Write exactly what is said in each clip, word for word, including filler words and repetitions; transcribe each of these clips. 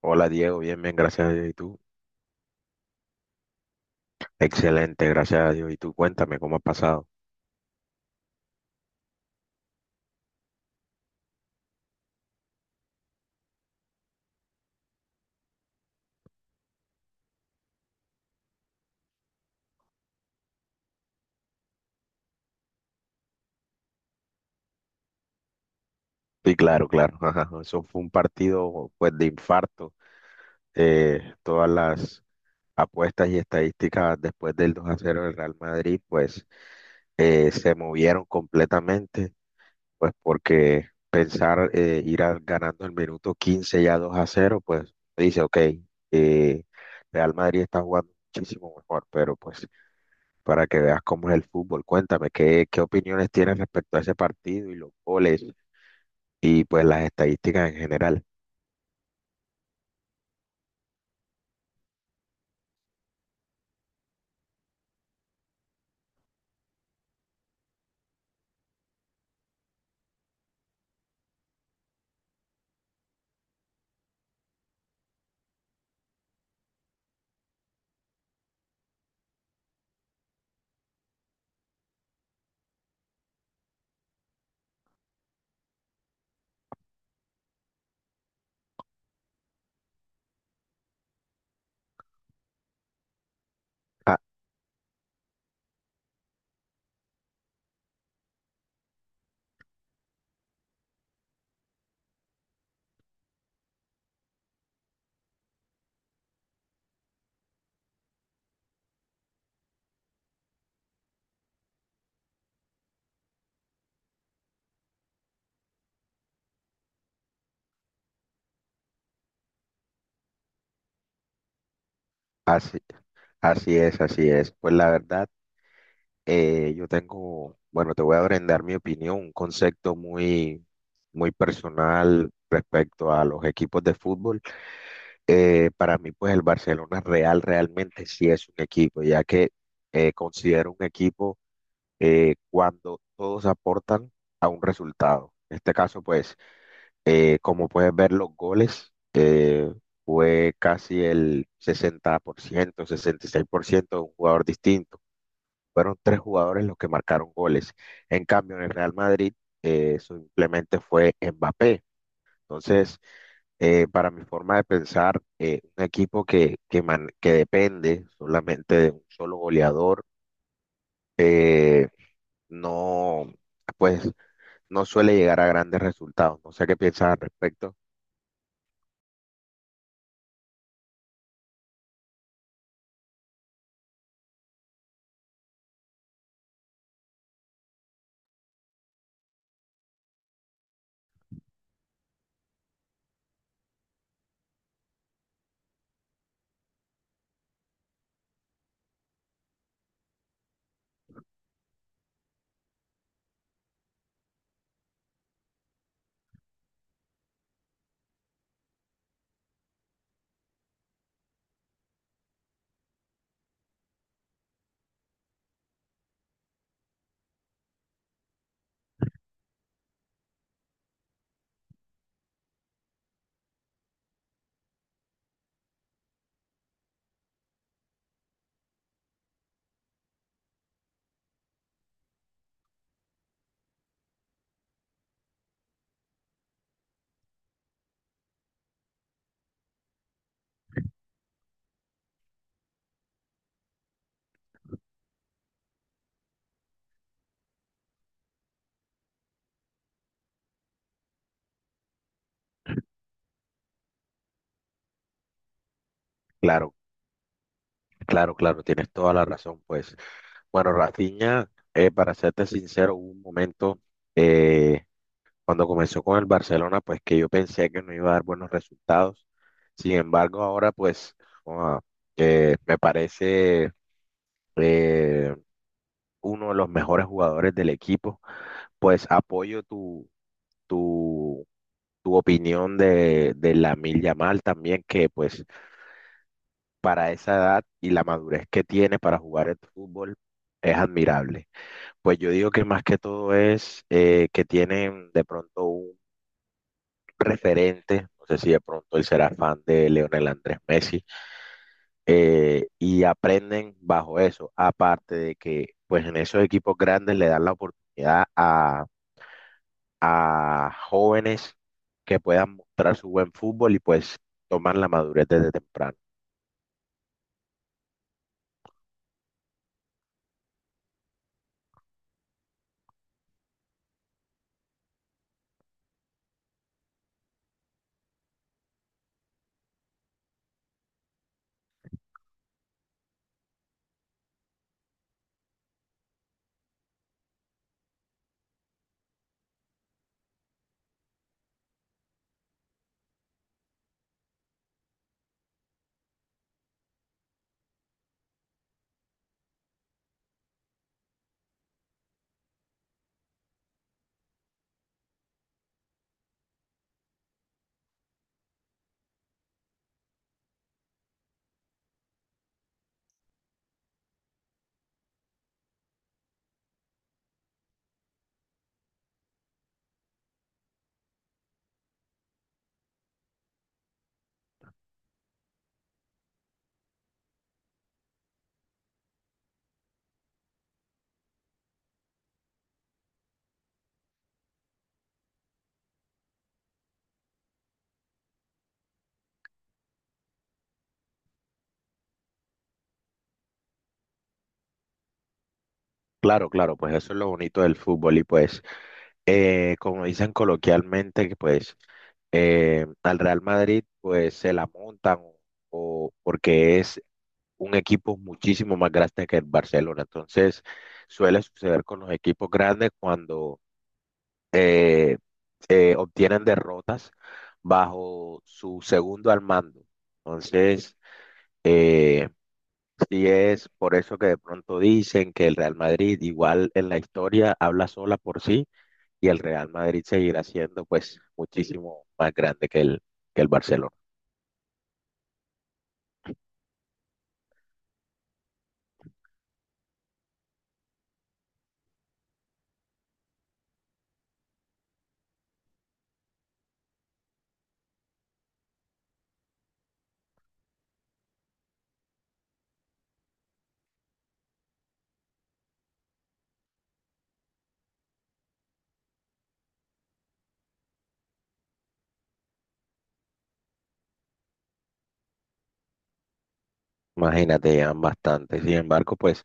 Hola Diego, bien, bien, gracias a Dios. ¿Y tú? Excelente, gracias a Dios. ¿Y tú? Cuéntame cómo ha pasado. Sí, claro, claro. Ajá, eso fue un partido pues de infarto. Eh, todas las apuestas y estadísticas después del dos a cero del Real Madrid pues eh, se movieron completamente, pues porque pensar eh, ir al- ganando el minuto quince ya dos a cero, pues dice ok, eh, Real Madrid está jugando muchísimo mejor, pero pues para que veas cómo es el fútbol. Cuéntame, ¿qué, qué opiniones tienes respecto a ese partido y los goles y pues las estadísticas en general? Ah, así, así es, así es. Pues la verdad, eh, yo tengo, bueno, te voy a brindar mi opinión, un concepto muy, muy personal respecto a los equipos de fútbol. Eh, para mí, pues el Barcelona Real realmente sí es un equipo, ya que eh, considero un equipo eh, cuando todos aportan a un resultado. En este caso, pues Eh, como puedes ver, los goles eh, fue casi el sesenta por ciento, sesenta y seis por ciento de un jugador distinto. Fueron tres jugadores los que marcaron goles. En cambio, en el Real Madrid eh, simplemente fue Mbappé. Entonces, eh, para mi forma de pensar, eh, un equipo que, que, man- que depende solamente de un solo goleador, eh, no, pues, no suele llegar a grandes resultados. No sé qué piensas al respecto. Claro. Claro, claro, tienes toda la razón, pues. Bueno, Rafinha, eh, para serte sincero, hubo un momento eh, cuando comenzó con el Barcelona, pues que yo pensé que no iba a dar buenos resultados. Sin embargo, ahora pues ah, eh, me parece eh, uno de los mejores jugadores del equipo. Pues apoyo tu, tu, tu opinión de, de Lamine Yamal también, que pues para esa edad y la madurez que tiene para jugar el fútbol es admirable. Pues yo digo que más que todo es eh, que tienen de pronto un referente, no sé si de pronto él será fan de Leonel Andrés Messi, eh, y aprenden bajo eso, aparte de que pues en esos equipos grandes le dan la oportunidad a, a jóvenes que puedan mostrar su buen fútbol y pues tomar la madurez desde temprano. Claro, claro, pues eso es lo bonito del fútbol y pues... eh, como dicen coloquialmente, que pues eh, al Real Madrid pues se la montan o, o porque es un equipo muchísimo más grande que el Barcelona. Entonces suele suceder con los equipos grandes cuando eh, eh, obtienen derrotas bajo su segundo al mando. Entonces, eh, sí es por eso que de pronto dicen que el Real Madrid igual en la historia habla sola por sí y el Real Madrid seguirá siendo pues muchísimo más grande que el, que el Barcelona. Imagínate, llevan bastante. Sin embargo, pues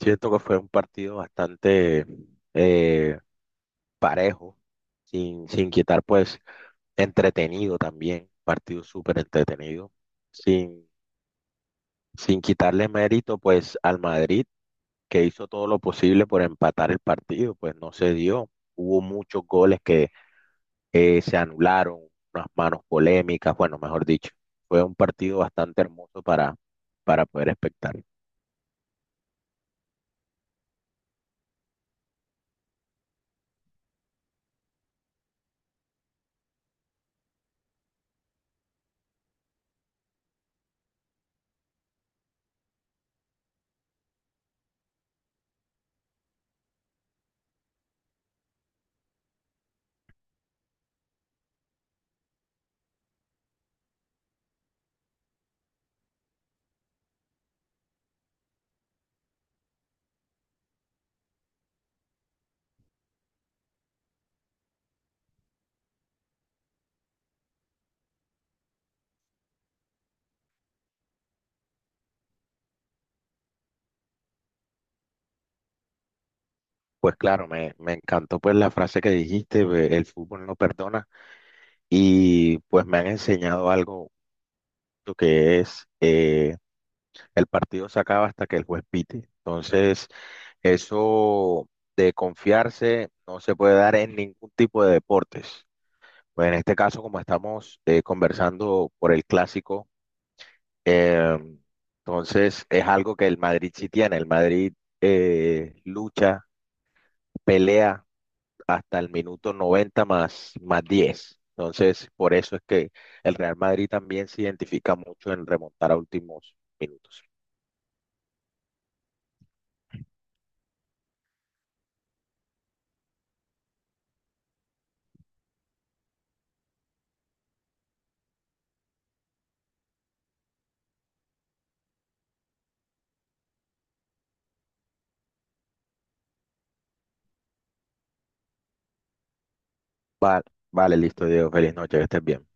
siento que fue un partido bastante eh, parejo, sin, sin quitar pues entretenido también, partido súper entretenido, sin, sin quitarle mérito pues al Madrid, que hizo todo lo posible por empatar el partido, pues no se dio. Hubo muchos goles que eh, se anularon unas manos polémicas, bueno, mejor dicho, fue un partido bastante hermoso para, para poder espectar. Pues claro, me, me encantó pues la frase que dijiste, eh, el fútbol no perdona, y pues me han enseñado algo lo que es eh, el partido se acaba hasta que el juez pite. Entonces, eso de confiarse no se puede dar en ningún tipo de deportes. Pues en este caso, como estamos eh, conversando por el clásico, Eh, entonces, es algo que el Madrid sí tiene. El Madrid eh, lucha, pelea hasta el minuto noventa más, más diez. Entonces, por eso es que el Real Madrid también se identifica mucho en remontar a últimos minutos. Vale, vale, listo, Diego. Feliz noche, que estés bien.